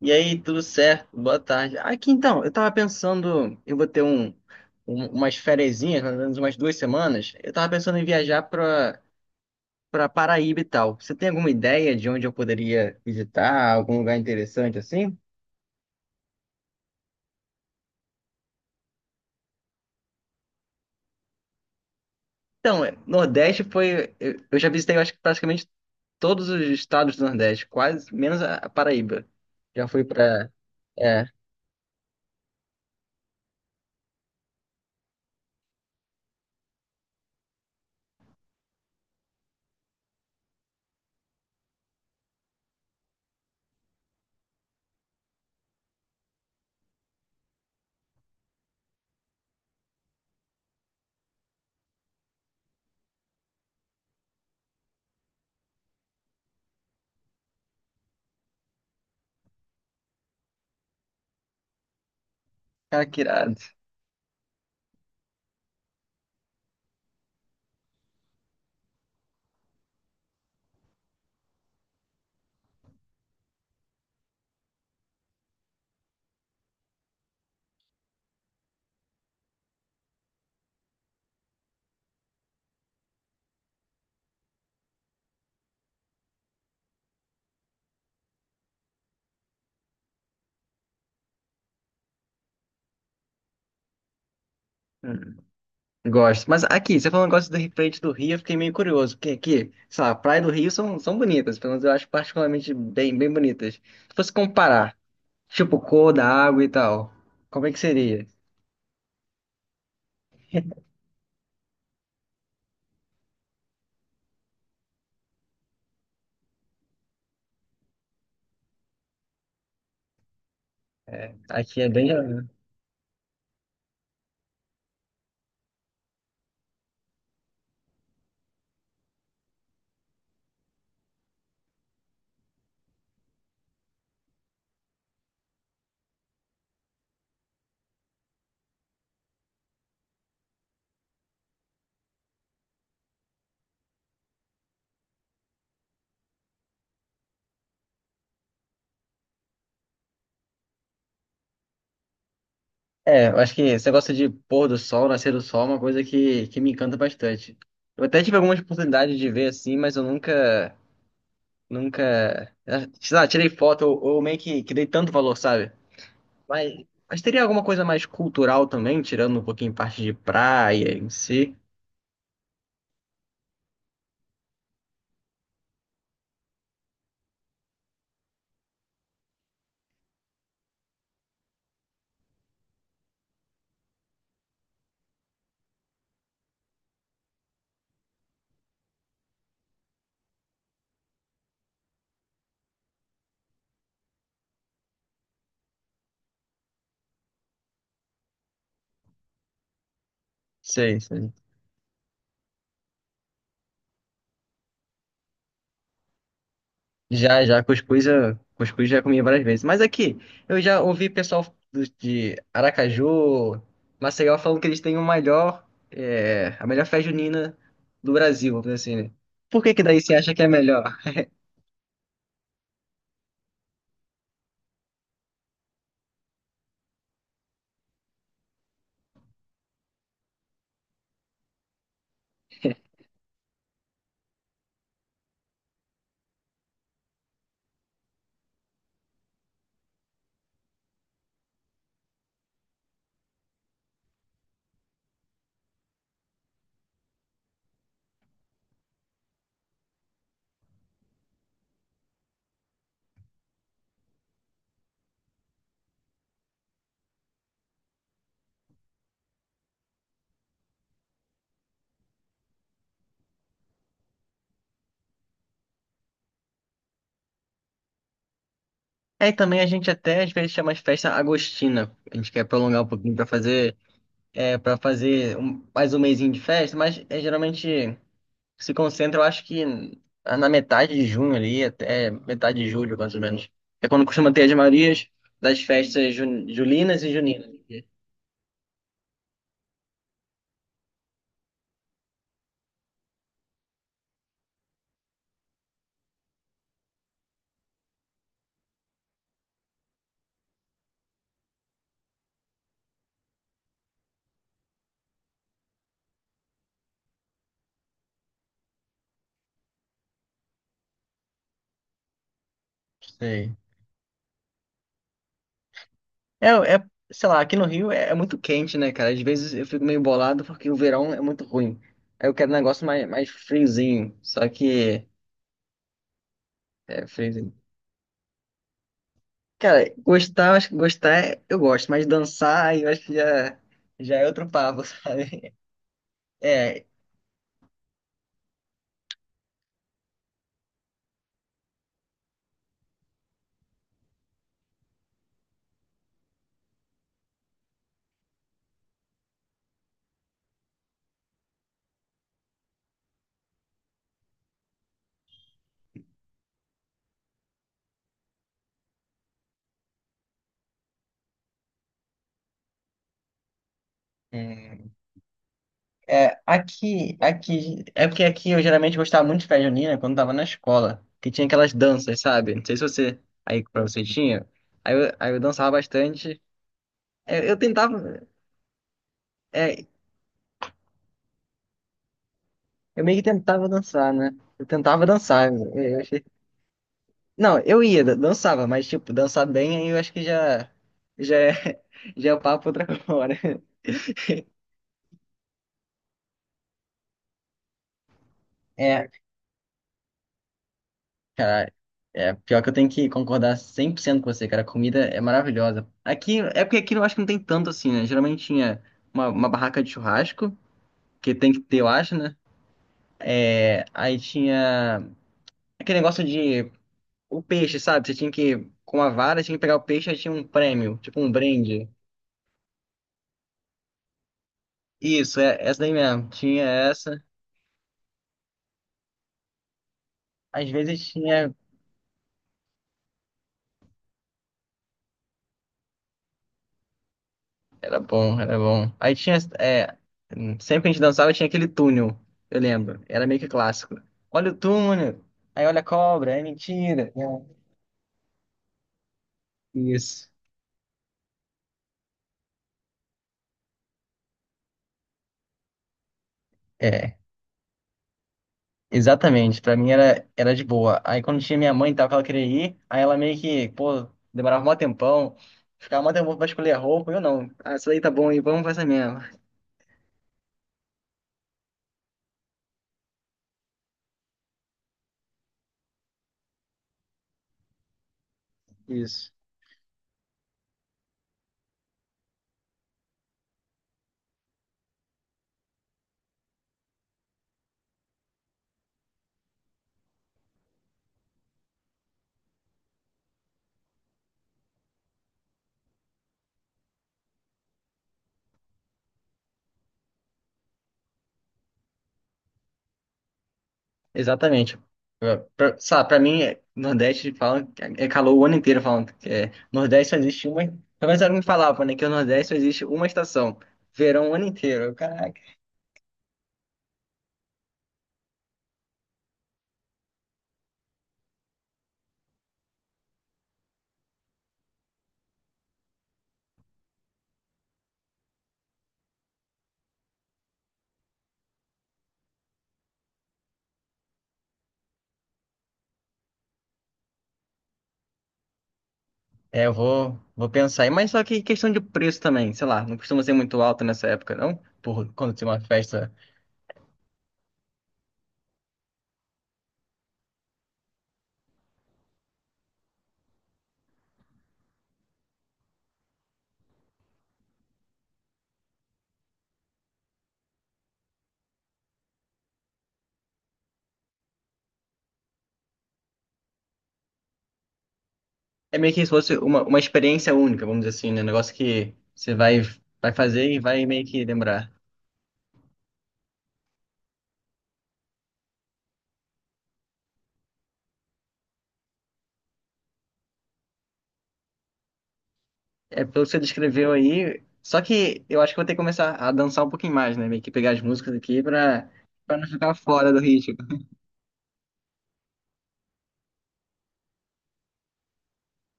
E aí, tudo certo? Boa tarde. Aqui então, eu tava pensando, eu vou ter um, um- umas ferezinhas, mais ou menos umas duas semanas. Eu tava pensando em viajar pra para Paraíba e tal. Você tem alguma ideia de onde eu poderia visitar, algum lugar interessante assim? Então, é, Nordeste foi, eu já visitei, eu acho que praticamente todos os estados do Nordeste, quase menos a Paraíba. Já fui pra. É, cara, que irado. Gosto. Mas aqui, você falou um negócio frente do Rio, eu fiquei meio curioso, porque aqui, sei lá, praia do Rio são bonitas, pelo menos eu acho particularmente bem bonitas. Se fosse comparar, tipo, cor da água e tal, como é que seria? Aqui é bem. É, eu acho que esse negócio de pôr do sol, nascer do sol, é uma coisa que me encanta bastante. Eu até tive algumas oportunidades de ver assim, mas eu nunca, nunca, sei lá, tirei foto ou meio que dei tanto valor, sabe? Mas, mas teria alguma coisa mais cultural também, tirando um pouquinho parte de praia em si? Sei, sei. Cuscuz, cuscuz já comi várias vezes. Mas aqui, eu já ouvi pessoal de Aracaju, Maceió, falando que eles têm o melhor, é, a melhor festa junina do Brasil, vamos dizer assim, né? Por que daí você acha que é melhor? É, e também a gente até às vezes chama de festa agostina. A gente quer prolongar um pouquinho para fazer, é, para fazer mais um mesinho de festa, mas é geralmente se concentra, eu acho que na metade de junho ali, até metade de julho, mais ou menos. É quando costuma ter as Marias das festas julinas e juninas. Sei. Sei lá, aqui no Rio é muito quente, né, cara? Às vezes eu fico meio bolado porque o verão é muito ruim. Aí eu quero um negócio mais friozinho, só que é friozinho. Cara, gostar, eu acho que eu gosto, mas dançar aí eu acho que já, já é outro papo, sabe? É. é. É, é porque aqui eu geralmente gostava muito de festa junina quando tava na escola, que tinha aquelas danças, sabe? Não sei se você, aí pra você tinha, aí eu dançava bastante. É, eu, tentava, é, eu meio que tentava dançar, né? Eu tentava dançar, não, eu ia, dançava, mas tipo, dançar bem aí eu acho que já é, já é papo pra outra hora. É, cara, é pior que eu tenho que concordar 100% com você, cara. A comida é maravilhosa. Aqui, é porque aqui eu acho que não tem tanto assim, né? Geralmente tinha uma barraca de churrasco, que tem que ter, eu acho, né? É, aí tinha aquele negócio de o peixe, sabe? Você tinha que, com a vara, tinha que pegar o peixe, aí tinha um prêmio, tipo um brinde. Isso, é essa daí mesmo. Tinha essa. Às vezes tinha. Era bom. Aí tinha, é, sempre que a gente dançava tinha aquele túnel, eu lembro. Era meio que clássico. Olha o túnel, aí olha a cobra, é mentira. Isso. É, exatamente. Pra mim era de boa. Aí quando tinha minha mãe e tal, que ela queria ir, aí ela meio que, pô, demorava mó tempão, ficava mó tempão pra escolher a roupa, eu não. Ah, isso aí tá bom aí, vamos fazer mesmo. Isso. Exatamente. Sabe, pra mim, Nordeste fala, é calor o ano inteiro falando que é, Nordeste só existe uma. Talvez alguém falava, né, que o Nordeste só existe uma estação, verão o ano inteiro. Eu, caraca. É, vou pensar aí, mas só que questão de preço também, sei lá, não costuma ser muito alto nessa época, não? Por quando tem uma festa. É meio que se fosse uma experiência única, vamos dizer assim, né? Um negócio que vai fazer e vai meio que lembrar. É pelo que você descreveu aí. Só que eu acho que eu vou ter que começar a dançar um pouquinho mais, né? Meio que pegar as músicas aqui pra não ficar fora do ritmo.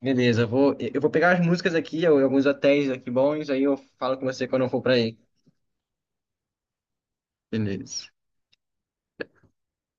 Beleza, eu vou pegar as músicas aqui, ou alguns hotéis aqui bons, aí eu falo com você quando eu for pra aí. Beleza.